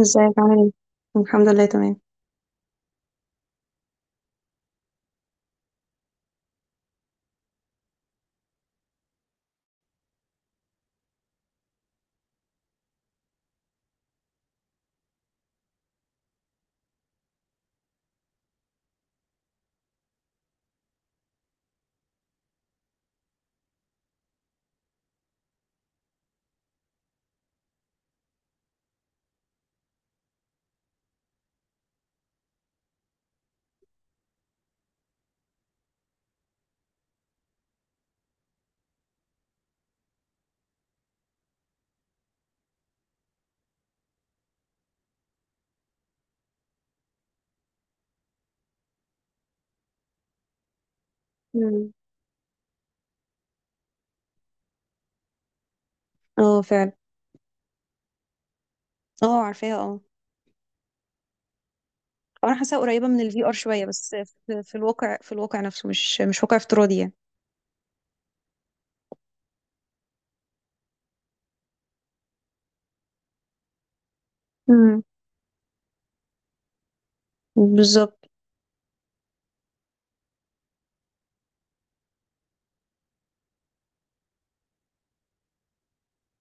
ازيك عامل ايه. الحمد لله تمام. مم. اه، فعلا. اه، عارفاها، اه. انا حاساها قريبه من الفي ار شويه بس. في الواقع في الواقع نفسه، مش واقع افتراضي، يعني. امم. بالظبط.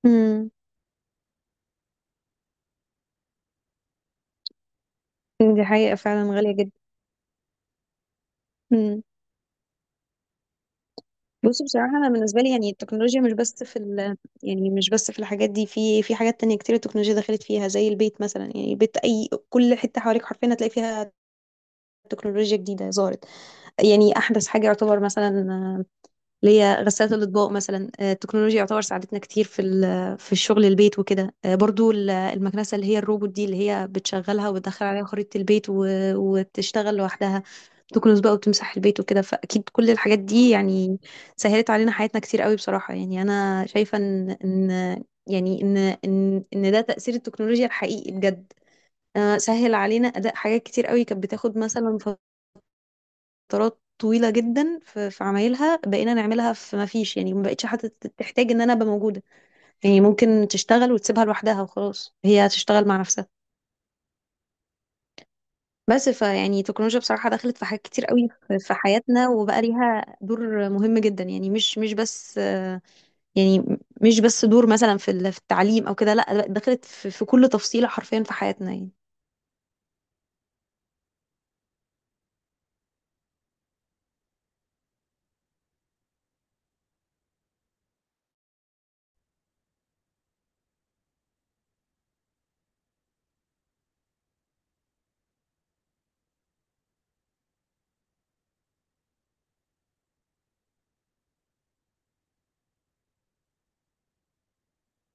امم. دي حقيقه فعلا، غاليه جدا. امم. بص، بصراحه انا بالنسبه لي يعني التكنولوجيا مش بس في ال يعني مش بس في الحاجات دي، في حاجات تانية كتير التكنولوجيا دخلت فيها، زي البيت مثلا. يعني البيت اي كل حته حواليك حرفيا هتلاقي فيها تكنولوجيا جديده ظهرت. يعني احدث حاجه يعتبر مثلا اللي هي غسالة الأطباق مثلا، التكنولوجيا يعتبر ساعدتنا كتير في الشغل البيت وكده. برضو المكنسة اللي هي الروبوت دي، اللي هي بتشغلها وبتدخل عليها خريطة البيت و- وتشتغل لوحدها، تكنس بقى وتمسح البيت وكده. فأكيد كل الحاجات دي يعني سهلت علينا حياتنا كتير قوي، بصراحة. يعني أنا شايفة إن إن يعني إن إن إن ده تأثير التكنولوجيا الحقيقي بجد. سهل علينا أداء حاجات كتير قوي، كانت بتاخد مثلا فترات طويلة جدا في عمايلها، بقينا نعملها في ما فيش. يعني ما بقتش حتى تحتاج ان انا ابقى موجودة. يعني ممكن تشتغل وتسيبها لوحدها وخلاص، هي هتشتغل مع نفسها. بس فيعني التكنولوجيا بصراحة دخلت في حاجات كتير قوي في حياتنا، وبقى ليها دور مهم جدا. يعني مش بس يعني مش بس دور مثلا في التعليم او كده، لا، دخلت في كل تفصيلة حرفيا في حياتنا،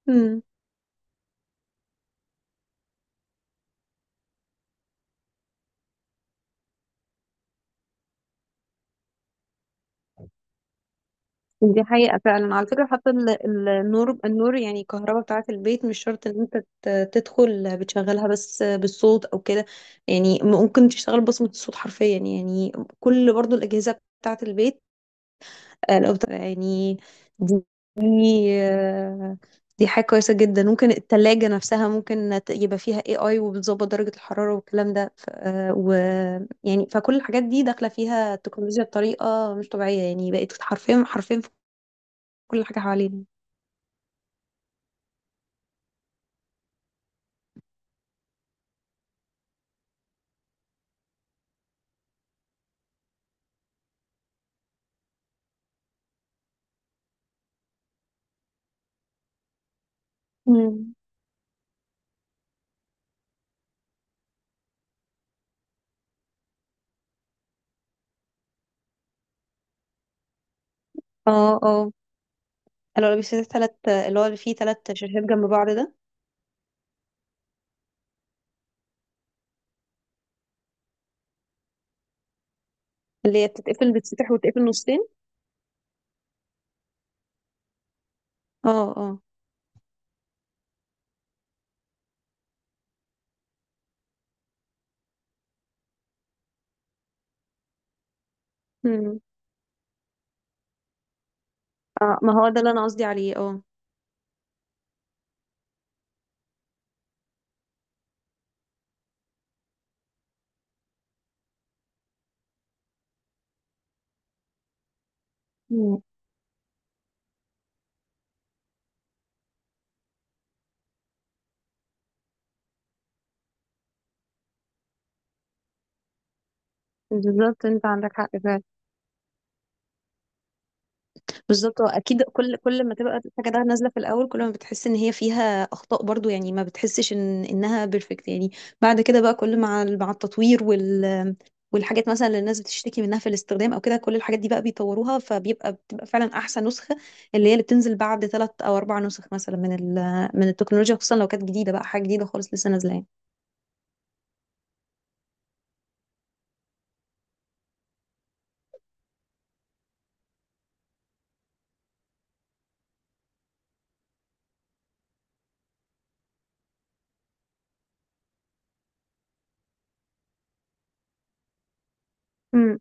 يعني. دي حقيقة فعلا. على فكرة، حتى النور يعني الكهرباء بتاعة البيت مش شرط ان انت تدخل بتشغلها، بس بالصوت او كده. يعني ممكن تشتغل بصمة الصوت حرفيا، يعني كل برضو الأجهزة بتاعة البيت. يعني دي دي آه، دي حاجة كويسة جدا. ممكن التلاجة نفسها ممكن يبقى فيها اي اي، وبتظبط درجة الحرارة والكلام ده. ف- آه، و يعني فكل الحاجات دي داخلة فيها التكنولوجيا بطريقة مش طبيعية، يعني بقت حرفيا حرفيا كل حاجة حوالينا. مم. اه، اه. انا اللي بيشتري تلات، اللي هو اللي فيه تلات شاشات جنب بعض ده. اللي هي بتتقفل، بتتفتح وتتقفل نصين. اه، اه. مم. اه، ما هو ده اللي انا قصدي عليه، اه. مم. بالظبط، انت عندك حق فعلا. بالظبط، هو اكيد كل ما تبقى الحاجه ده نازله في الاول كل ما بتحس ان هي فيها اخطاء، برضو يعني ما بتحسش ان انها بيرفكت، يعني. بعد كده بقى كل مع التطوير والحاجات مثلا اللي الناس بتشتكي منها في الاستخدام او كده، كل الحاجات دي بقى بيطوروها بتبقى فعلا احسن نسخه، اللي هي اللي بتنزل بعد 3 أو 4 نسخ مثلا من التكنولوجيا، خصوصا لو كانت جديده بقى، حاجه جديده خالص لسه نازله، يعني. امم،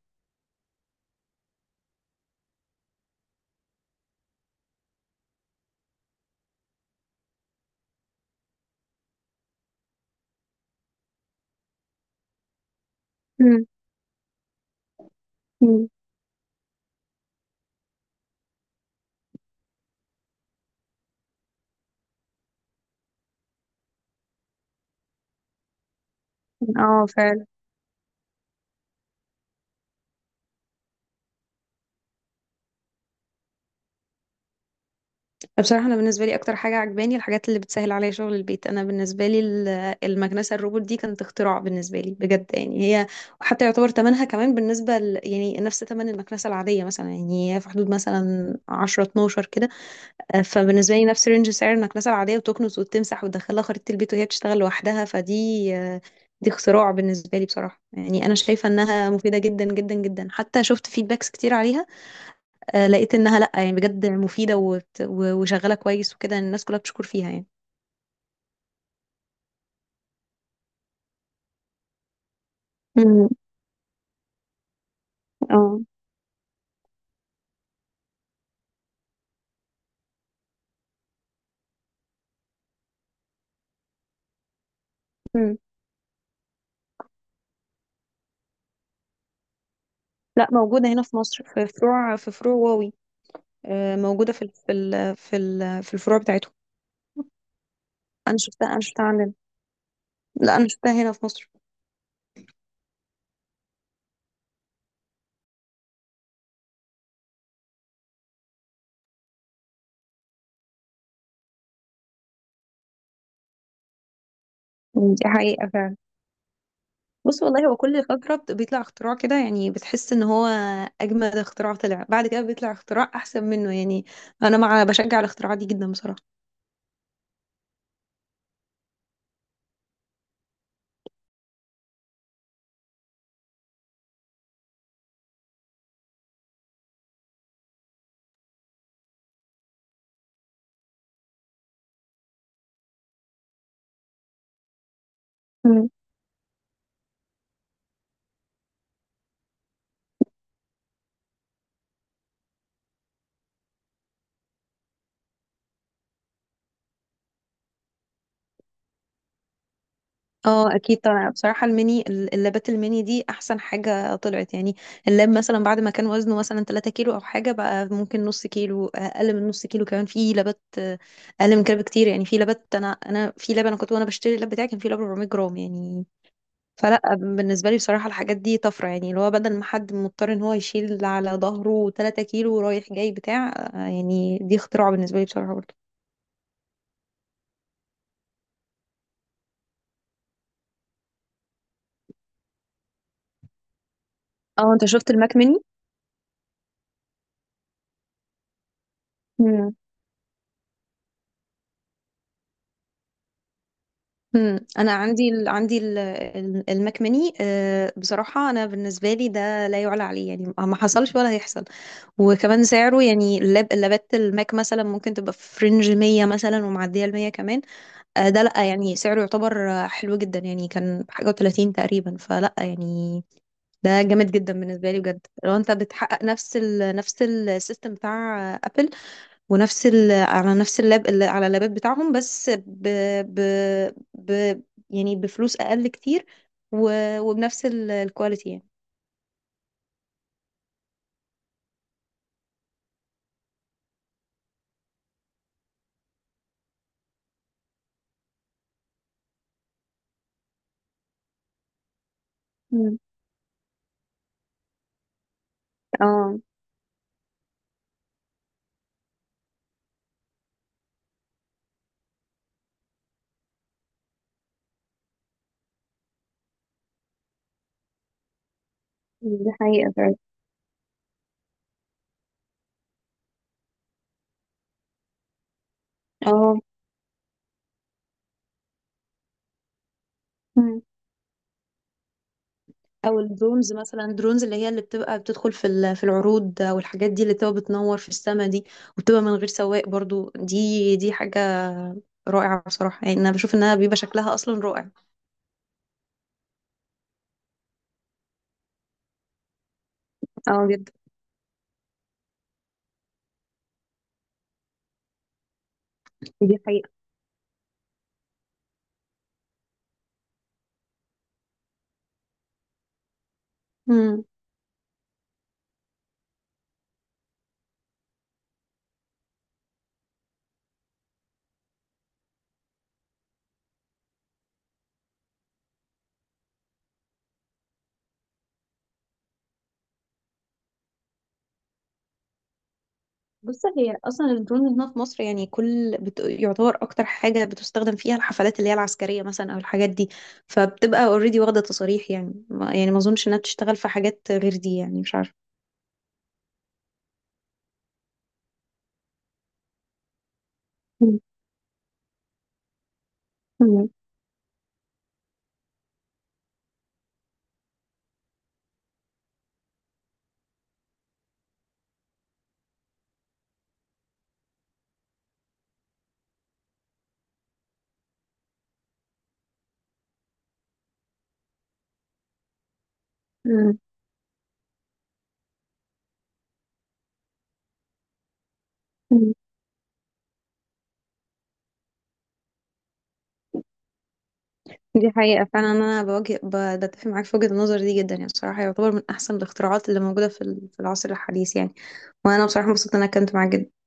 امم، أمم. اه. بصراحة أنا بالنسبة لي أكتر حاجة عجباني الحاجات اللي بتسهل عليا شغل البيت. أنا بالنسبة لي المكنسة الروبوت دي كانت اختراع بالنسبة لي بجد. يعني هي حتى يعتبر تمنها كمان يعني نفس تمن المكنسة العادية مثلا، يعني هي في حدود مثلا 10 12 كده. فبالنسبة لي نفس رينج سعر المكنسة العادية، وتكنس وتمسح وتدخلها خريطة البيت وهي بتشتغل لوحدها. فدي آه، دي اختراع بالنسبة لي بصراحة. يعني أنا شايفة إنها مفيدة جدا جدا جدا، حتى شفت فيدباكس كتير عليها. لقيت انها لا، يعني بجد مفيده وبت- و- وشغاله كويس وكده، الناس كلها بتشكر فيها، يعني. امم. اه. مم. لا، موجوده هنا في مصر، في فروع واوي. موجوده في الفروع بتاعتهم. انا شفتها عندنا. لا، انا شفتها هنا في مصر. مم. دي حقيقة فعلا. بص، والله هو كل فترة بيطلع اختراع كده، يعني بتحس ان هو اجمد اختراع طلع، بعد كده بيطلع اختراع احسن منه، يعني. انا بشجع الاختراعات دي جدا، بصراحة. اه، اكيد طبعا. بصراحه الميني اللابات الميني دي احسن حاجه طلعت، يعني اللاب مثلا بعد ما كان وزنه مثلا 3 كيلو او حاجه، بقى ممكن نص كيلو، اقل من نص كيلو، كمان في لابات اقل من كده بكتير. يعني في لابات، انا في لاب، انا كنت وانا بشتري اللاب بتاعي كان في لاب 400 جرام، يعني. فلا، بالنسبه لي بصراحه الحاجات دي طفره، يعني اللي هو بدل ما حد مضطر ان هو يشيل على ظهره 3 كيلو رايح جاي بتاع، يعني دي اختراع بالنسبه لي، بصراحه، برضه. اه، انت شفت الماك ميني. انا عندي المكمني بصراحه انا بالنسبه لي ده لا يعلى عليه، يعني ما حصلش ولا هيحصل. وكمان سعره، يعني اللابات الماك مثلا ممكن تبقى في فرنج 100 مثلا، ومعديه ال 100 كمان. ده لا يعني سعره يعتبر حلو جدا، يعني كان حاجه و30 تقريبا، فلا يعني. ده جامد جدا بالنسبه لي بجد، لو انت بتحقق نفس نفس السيستم بتاع ابل، على نفس اللاب اللي على اللابات بتاعهم، بس ب... ب... يعني بفلوس اقل كتير، و... وبنفس الكواليتي، يعني. مم. اه، دي حقيقة فعلا. اه. مم. او الدرونز مثلا، الدرونز اللي بتبقى بتدخل في العروض والحاجات دي، اللي بتبقى بتنور في السما دي، وبتبقى من غير سواق برضو. دي حاجة رائعة بصراحة، يعني انا بشوف انها بيبقى شكلها اصلا رائع. اه، جدا. دي حقيقة. بص، هي اصلا الدرون هنا في مصر يعني يعتبر اكتر حاجه بتستخدم فيها الحفلات اللي هي العسكريه مثلا، او الحاجات دي، فبتبقى اوريدي واخده تصاريح. يعني ما... يعني ما اظنش انها بتشتغل في حاجات غير دي، يعني مش عارفه. مم. مم. مم. مم. دي حقيقه فعلا، انا بتفق معاك في وجهه النظر دي جدا، يعني بصراحه يعتبر من احسن الاختراعات اللي موجوده في العصر الحديث، يعني. وانا بصراحه مبسوطه ان انا كنت معاك جدا.